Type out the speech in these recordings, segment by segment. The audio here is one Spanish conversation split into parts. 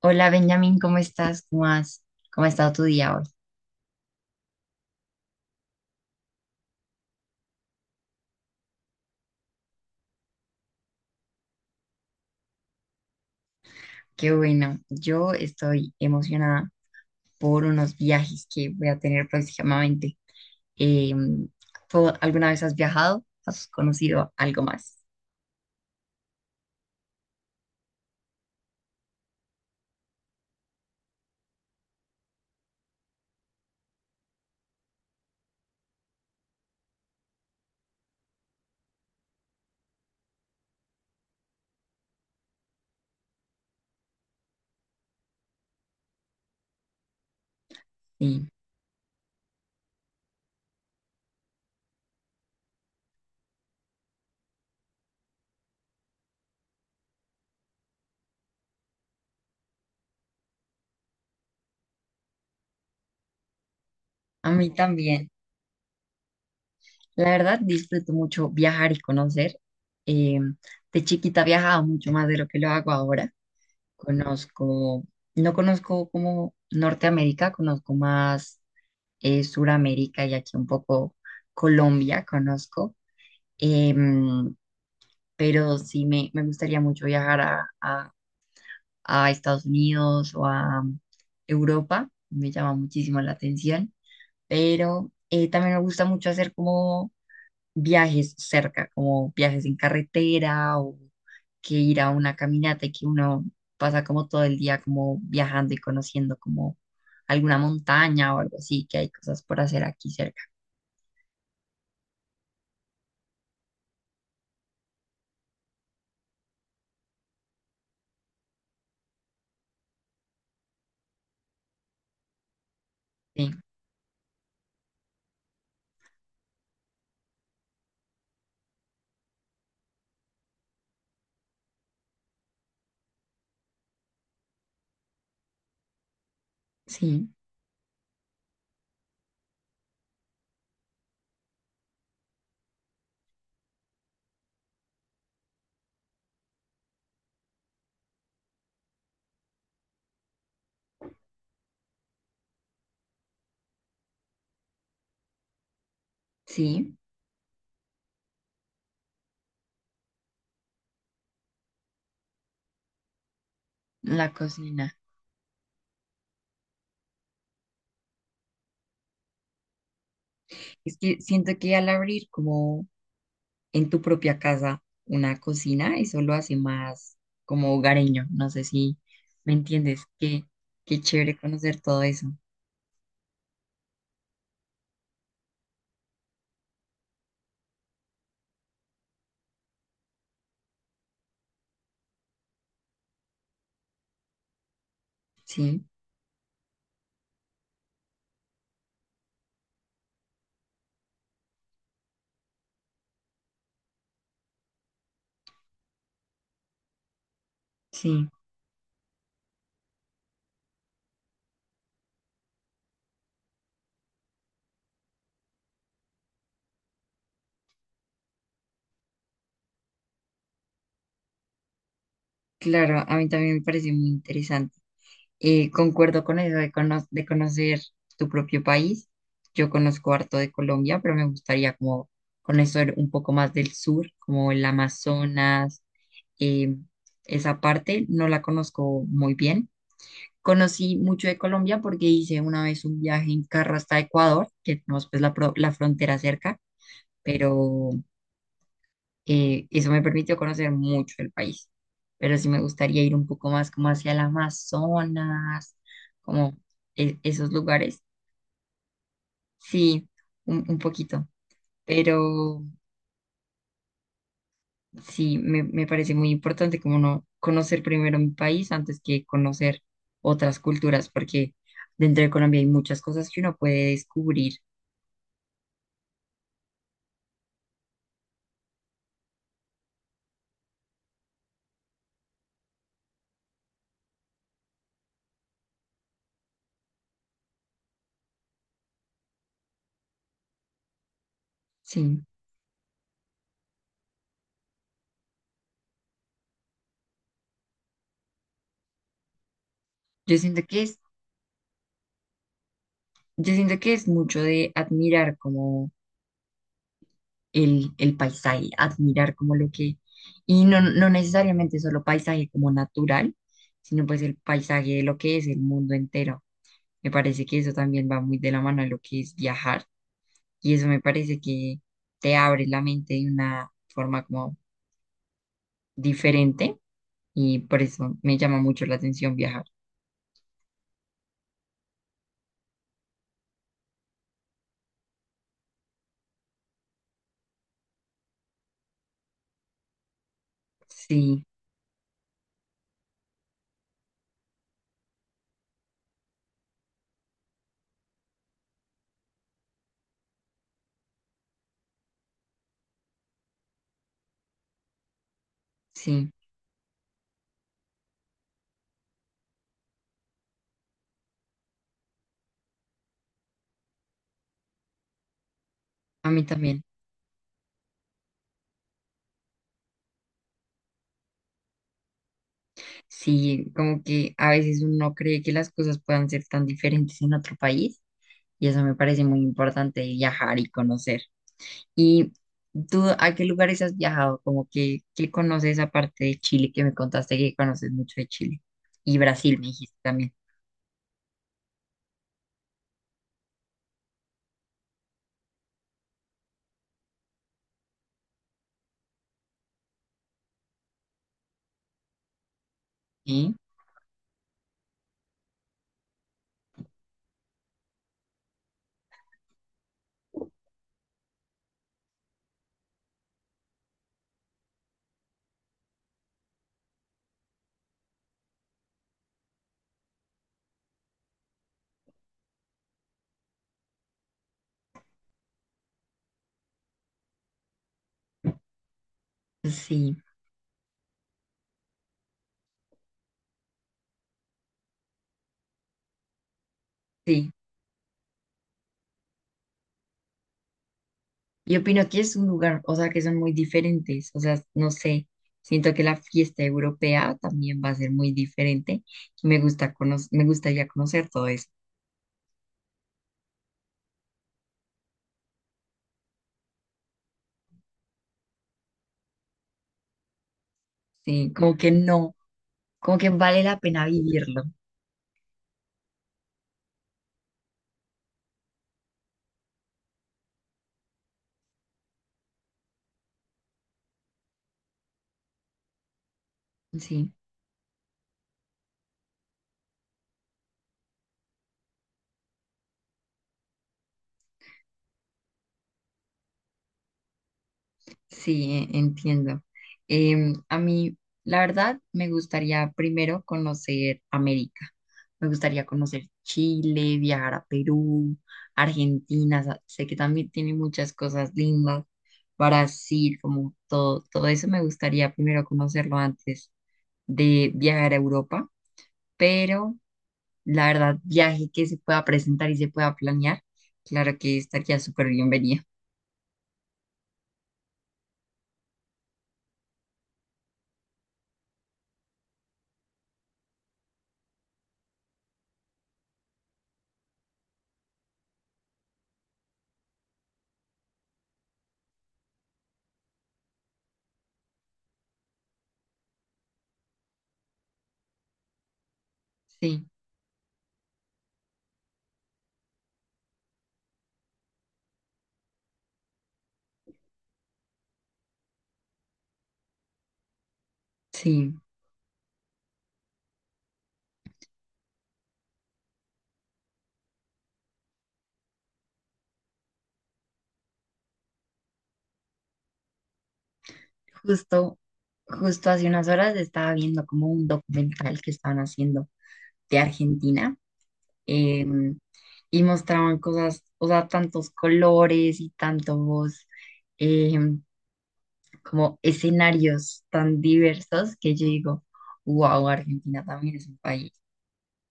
Hola Benjamín, ¿cómo estás? ¿Cómo ha estado tu día hoy? Qué bueno, yo estoy emocionada por unos viajes que voy a tener próximamente. Eh, ¿Tú alguna vez has viajado? ¿Has conocido algo más? Sí, a mí también. La verdad, disfruto mucho viajar y conocer. Eh, de chiquita viajaba mucho más de lo que lo hago ahora. Conozco, no conozco como Norteamérica, conozco más. Suramérica y aquí un poco Colombia conozco, em, pero sí me gustaría mucho viajar a Estados Unidos o a Europa, me llama muchísimo la atención, pero también me gusta mucho hacer como viajes cerca, como viajes en carretera o que ir a una caminata y que uno pasa como todo el día como viajando y conociendo como alguna montaña o algo así, que hay cosas por hacer aquí cerca. Sí. Sí, sí, la cocina. Es que siento que al abrir como en tu propia casa una cocina, eso lo hace más como hogareño. No sé si me entiendes. Qué, qué chévere conocer todo eso. Sí, sí, claro, a mí también me parece muy interesante. Concuerdo con eso de, de conocer tu propio país. Yo conozco harto de Colombia, pero me gustaría como conocer un poco más del sur, como el Amazonas. eh, Esa parte no la conozco muy bien. Conocí mucho de Colombia porque hice una vez un viaje en carro hasta Ecuador, que tenemos pues la frontera cerca, pero eso me permitió conocer mucho el país. Pero sí me gustaría ir un poco más como hacia el Amazonas, como esos lugares. Sí, un poquito. Pero sí, me parece muy importante como no conocer primero mi país antes que conocer otras culturas, porque dentro de Colombia hay muchas cosas que uno puede descubrir. Sí, yo siento que es, yo siento que es mucho de admirar como el paisaje, admirar como lo que, y no, no necesariamente solo paisaje como natural, sino pues el paisaje de lo que es el mundo entero. Me parece que eso también va muy de la mano a lo que es viajar y eso me parece que te abre la mente de una forma como diferente y por eso me llama mucho la atención viajar. Sí, sí, a mí también. Sí, como que a veces uno cree que las cosas puedan ser tan diferentes en otro país y eso me parece muy importante viajar y conocer. ¿Y tú a qué lugares has viajado? Como que, ¿qué conoces aparte de Chile que me contaste que conoces mucho de Chile? Y Brasil me dijiste también. ¿Sí? Sí. Sí, yo opino que es un lugar, o sea, que son muy diferentes, o sea, no sé, siento que la fiesta europea también va a ser muy diferente. Me gusta me gustaría conocer todo eso, sí, como que no, como que vale la pena vivirlo, sí. Sí, entiendo. A mí, la verdad, me gustaría primero conocer América. Me gustaría conocer Chile, viajar a Perú, Argentina. Sé que también tiene muchas cosas lindas. Brasil, como todo, todo eso me gustaría primero conocerlo antes de viajar a Europa. Pero la verdad, viaje que se pueda presentar y se pueda planear, claro que estaría súper bienvenido. Sí, sí. Justo, justo hace unas horas estaba viendo como un documental que estaban haciendo de Argentina, eh, y mostraban cosas, o sea, tantos colores y tantos eh, como escenarios tan diversos que yo digo, wow, Argentina también es un país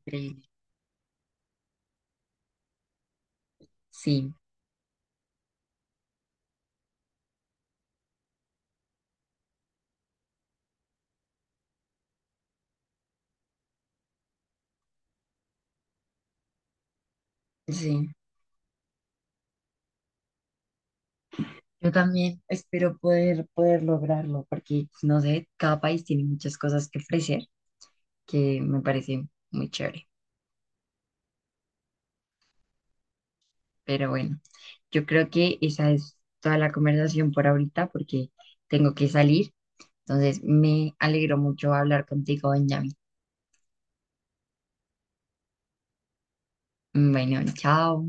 increíble. Sí, sí. Yo también espero poder, poder lograrlo porque, no sé, cada país tiene muchas cosas que ofrecer que me parece muy chévere. Pero bueno, yo creo que esa es toda la conversación por ahorita porque tengo que salir. Entonces, me alegro mucho hablar contigo, Benjamín. Bueno, chao.